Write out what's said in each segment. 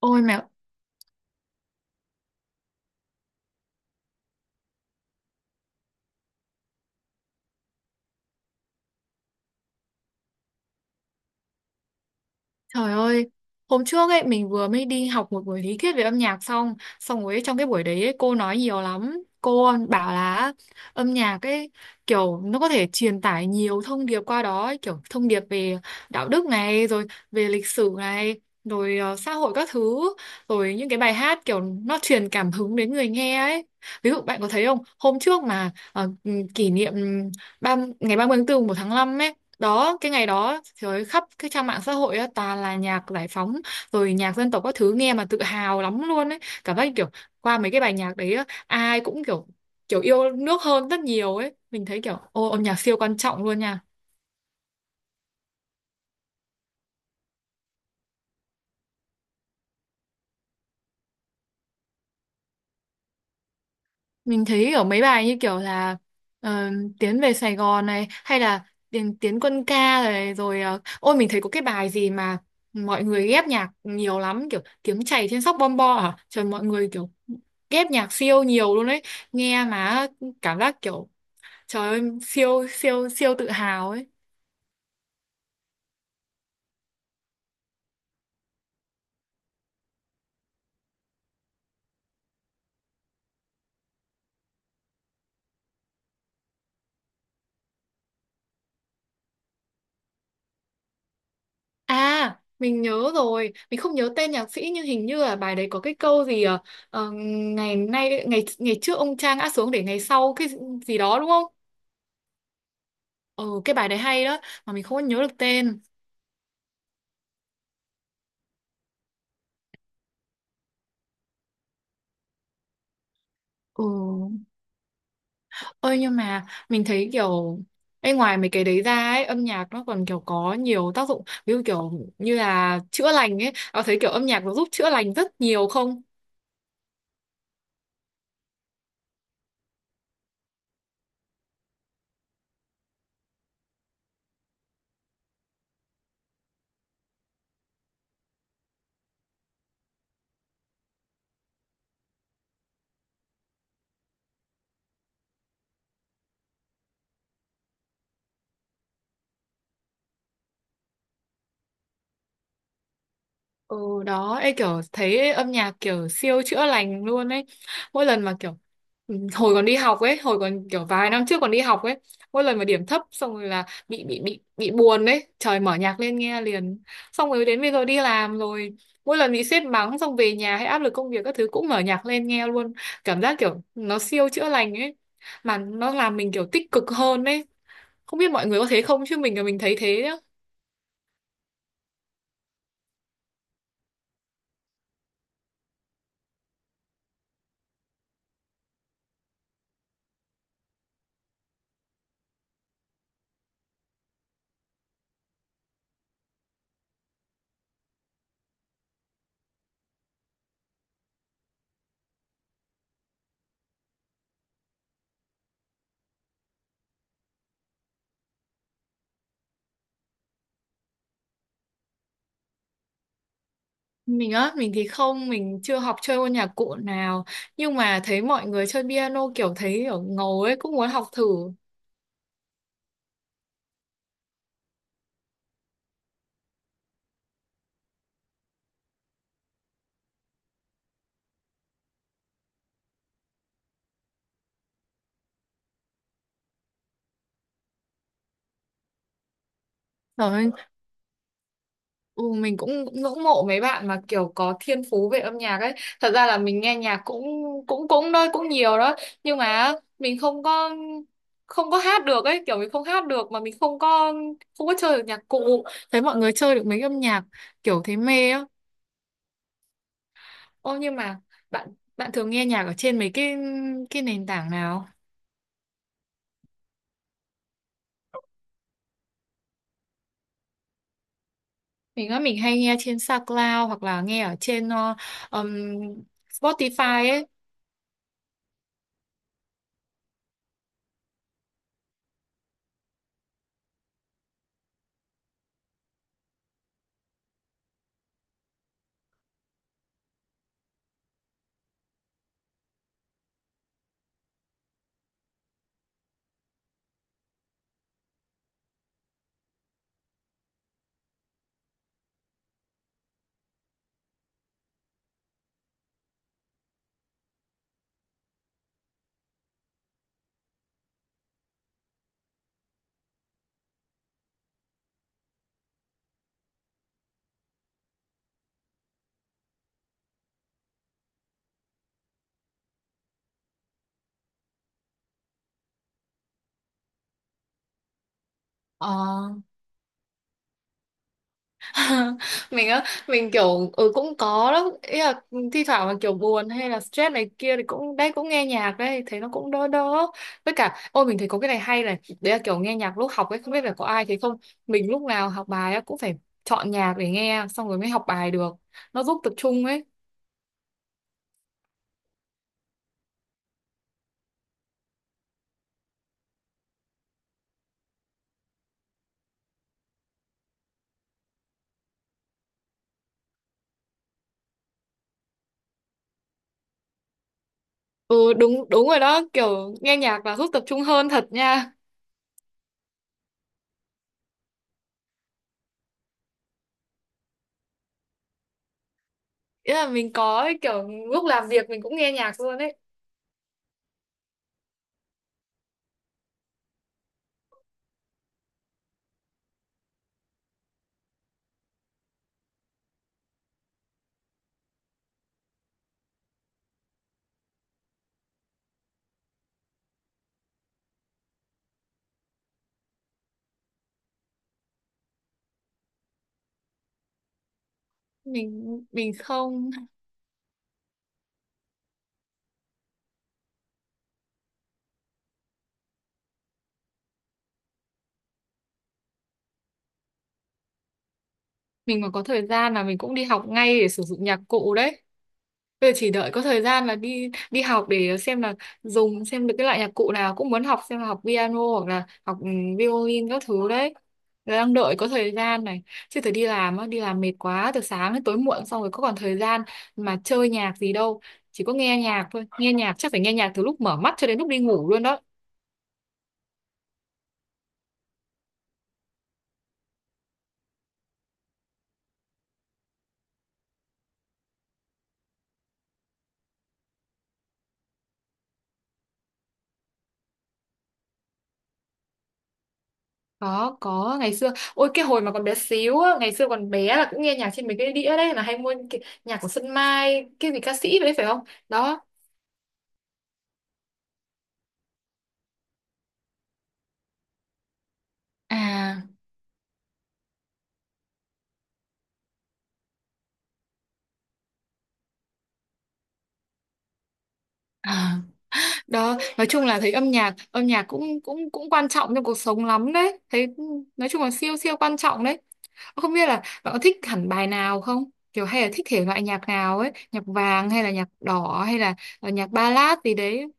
Ôi mẹ, trời ơi, hôm trước ấy mình vừa mới đi học một buổi lý thuyết về âm nhạc xong, xong rồi ấy, trong cái buổi đấy ấy, cô nói nhiều lắm. Cô bảo là âm nhạc ấy kiểu nó có thể truyền tải nhiều thông điệp qua đó, ấy, kiểu thông điệp về đạo đức này, rồi về lịch sử này, rồi xã hội các thứ, rồi những cái bài hát kiểu nó truyền cảm hứng đến người nghe ấy. Ví dụ bạn có thấy không, hôm trước mà kỷ niệm ngày 30 tháng 4, một tháng 5 đó, cái ngày đó trời ơi, khắp cái trang mạng xã hội á toàn là nhạc giải phóng rồi nhạc dân tộc các thứ nghe mà tự hào lắm luôn ấy, cảm giác như kiểu qua mấy cái bài nhạc đấy á, ai cũng kiểu kiểu yêu nước hơn rất nhiều ấy, mình thấy kiểu ô âm nhạc siêu quan trọng luôn nha. Mình thấy ở mấy bài như kiểu là ờ, Tiến về Sài Gòn này hay là Tiến quân ca này rồi ôi mình thấy có cái bài gì mà mọi người ghép nhạc nhiều lắm kiểu tiếng chảy trên sóc bom bo à, trời mọi người kiểu ghép nhạc siêu nhiều luôn đấy, nghe mà cảm giác kiểu trời ơi siêu siêu siêu tự hào ấy. À mình nhớ rồi, mình không nhớ tên nhạc sĩ nhưng hình như là bài đấy có cái câu gì ngày nay ngày ngày trước ông Trang ngã xuống để ngày sau cái gì đó đúng không. Ừ, cái bài đấy hay đó mà mình không có nhớ được tên. Ừ. Ơi nhưng mà mình thấy kiểu ê, ngoài mấy cái đấy ra ấy, âm nhạc nó còn kiểu có nhiều tác dụng ví dụ kiểu như là chữa lành ấy. Có thấy kiểu âm nhạc nó giúp chữa lành rất nhiều không? Ừ đó, ấy kiểu thấy âm nhạc kiểu siêu chữa lành luôn ấy. Mỗi lần mà kiểu ừ, hồi còn đi học ấy, hồi còn kiểu vài năm trước còn đi học ấy, mỗi lần mà điểm thấp xong rồi là bị buồn ấy, trời mở nhạc lên nghe liền. Xong rồi đến bây giờ đi làm rồi, mỗi lần bị sếp mắng xong về nhà hay áp lực công việc các thứ cũng mở nhạc lên nghe luôn. Cảm giác kiểu nó siêu chữa lành ấy, mà nó làm mình kiểu tích cực hơn ấy. Không biết mọi người có thế không chứ mình là mình thấy thế. Mình á, mình thì không, mình chưa học chơi môn nhạc cụ nào. Nhưng mà thấy mọi người chơi piano kiểu thấy kiểu ngầu ấy, cũng muốn học thử rồi. Ừ, mình cũng ngưỡng mộ mấy bạn mà kiểu có thiên phú về âm nhạc ấy. Thật ra là mình nghe nhạc cũng cũng cũng thôi, cũng nhiều đó. Nhưng mà mình không có hát được ấy, kiểu mình không hát được mà mình không có chơi được nhạc cụ. Thấy mọi người chơi được mấy âm nhạc kiểu thấy mê á. Ô nhưng mà bạn bạn thường nghe nhạc ở trên mấy cái nền tảng nào? Mình á, mình hay nghe trên SoundCloud hoặc là nghe ở trên ừm, Spotify ấy. Ờ. Mình á, mình kiểu ừ, cũng có đó, ý là thi thoảng mà kiểu buồn hay là stress này kia thì cũng đấy cũng nghe nhạc đấy, thấy nó cũng đỡ đỡ. Với cả ôi mình thấy có cái này hay này, đấy là kiểu nghe nhạc lúc học ấy, không biết là có ai thấy không. Mình lúc nào học bài á cũng phải chọn nhạc để nghe xong rồi mới học bài được. Nó giúp tập trung ấy. Ừ đúng đúng rồi đó, kiểu nghe nhạc là giúp tập trung hơn thật nha. Ý là mình có ấy, kiểu lúc làm việc mình cũng nghe nhạc luôn đấy. Mình không, mình mà có thời gian là mình cũng đi học ngay để sử dụng nhạc cụ đấy. Bây giờ chỉ đợi có thời gian là đi đi học để xem là dùng xem được cái loại nhạc cụ nào, cũng muốn học xem là học piano hoặc là học violin các thứ đấy. Là đang đợi có thời gian này. Chứ phải đi làm á, đi làm mệt quá từ sáng đến tối muộn xong rồi có còn thời gian mà chơi nhạc gì đâu. Chỉ có nghe nhạc thôi. Nghe nhạc chắc phải nghe nhạc từ lúc mở mắt cho đến lúc đi ngủ luôn đó. Có, ngày xưa ôi cái hồi mà còn bé xíu á, ngày xưa còn bé là cũng nghe nhạc trên mấy cái đĩa đấy, là hay mua cái nhạc của Xuân Mai, cái gì ca sĩ đấy phải không, đó. À, à, đó nói chung là thấy âm nhạc cũng cũng cũng quan trọng trong cuộc sống lắm đấy thấy, nói chung là siêu siêu quan trọng đấy. Không biết là bạn có thích hẳn bài nào không, kiểu hay là thích thể loại nhạc nào ấy, nhạc vàng hay là nhạc đỏ hay là nhạc ballad gì đấy.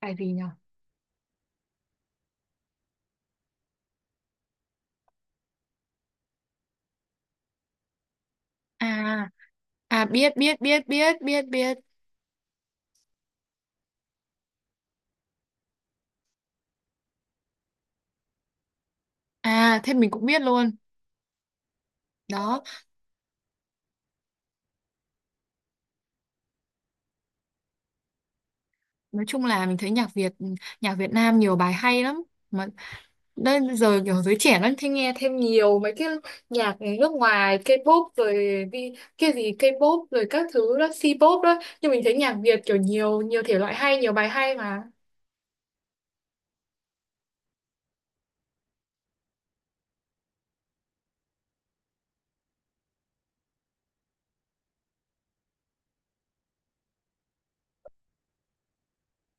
Bài gì nhỉ. À, à biết biết biết biết biết biết. À, thế mình cũng biết luôn. Đó, nói chung là mình thấy nhạc Việt Nam nhiều bài hay lắm. Mà đây giờ kiểu giới trẻ nó thích nghe thêm nhiều mấy cái nhạc nước ngoài, K-pop rồi đi cái gì K-pop rồi các thứ đó, C-pop đó. Nhưng mình thấy nhạc Việt kiểu nhiều nhiều thể loại hay, nhiều bài hay mà.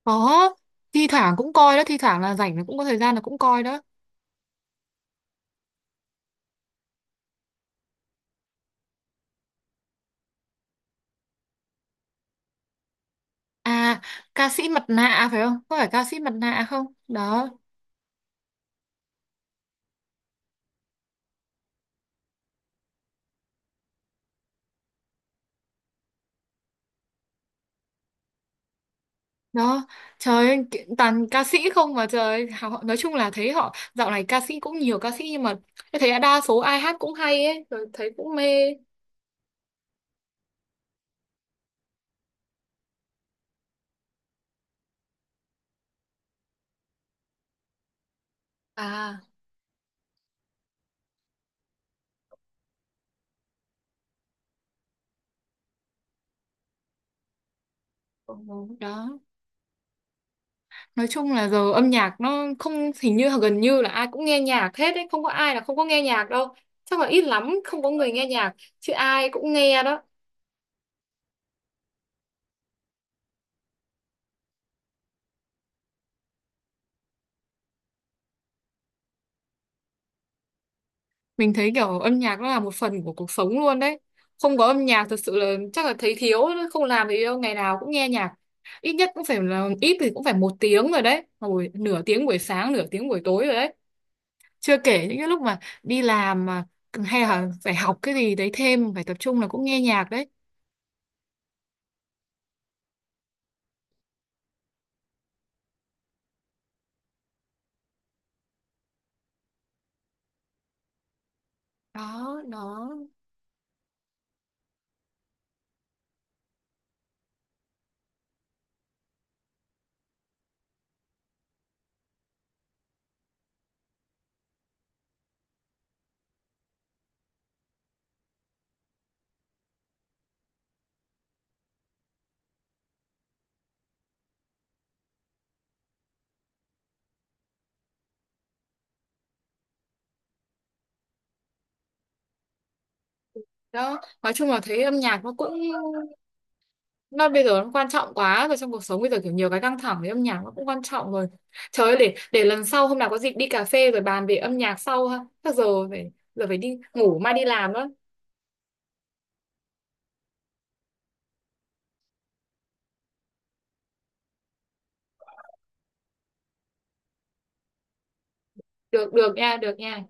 Có, thi thoảng cũng coi đó, thi thoảng là rảnh là cũng có thời gian là cũng coi đó. À, ca sĩ mặt nạ phải không? Có phải ca sĩ mặt nạ không? Đó. Đó, trời ơi, toàn ca sĩ không mà, trời ơi, họ nói chung là thấy họ dạo này ca sĩ cũng nhiều ca sĩ nhưng mà em thấy đa số ai hát cũng hay ấy, rồi thấy cũng mê. À, ừ, đó. Nói chung là giờ âm nhạc nó không, hình như gần như là ai cũng nghe nhạc hết ấy, không có ai là không có nghe nhạc đâu. Chắc là ít lắm không có người nghe nhạc, chứ ai cũng nghe đó. Mình thấy kiểu âm nhạc nó là một phần của cuộc sống luôn đấy. Không có âm nhạc thật sự là chắc là thấy thiếu, không làm gì đâu, ngày nào cũng nghe nhạc. Ít nhất cũng phải là ít thì cũng phải một tiếng rồi đấy. Rồi nửa tiếng buổi sáng, nửa tiếng buổi tối rồi đấy. Chưa kể những cái lúc mà đi làm mà hay là phải học cái gì đấy thêm, phải tập trung là cũng nghe nhạc đấy. Đó, đó, đó. Nói chung là thấy âm nhạc nó cũng, mà bây giờ nó quan trọng quá rồi, trong cuộc sống bây giờ kiểu nhiều cái căng thẳng với âm nhạc nó cũng quan trọng rồi. Trời ơi để lần sau hôm nào có dịp đi cà phê rồi bàn về âm nhạc sau ha. Chắc giờ phải đi ngủ mai đi làm đó. Được được nha, được nha.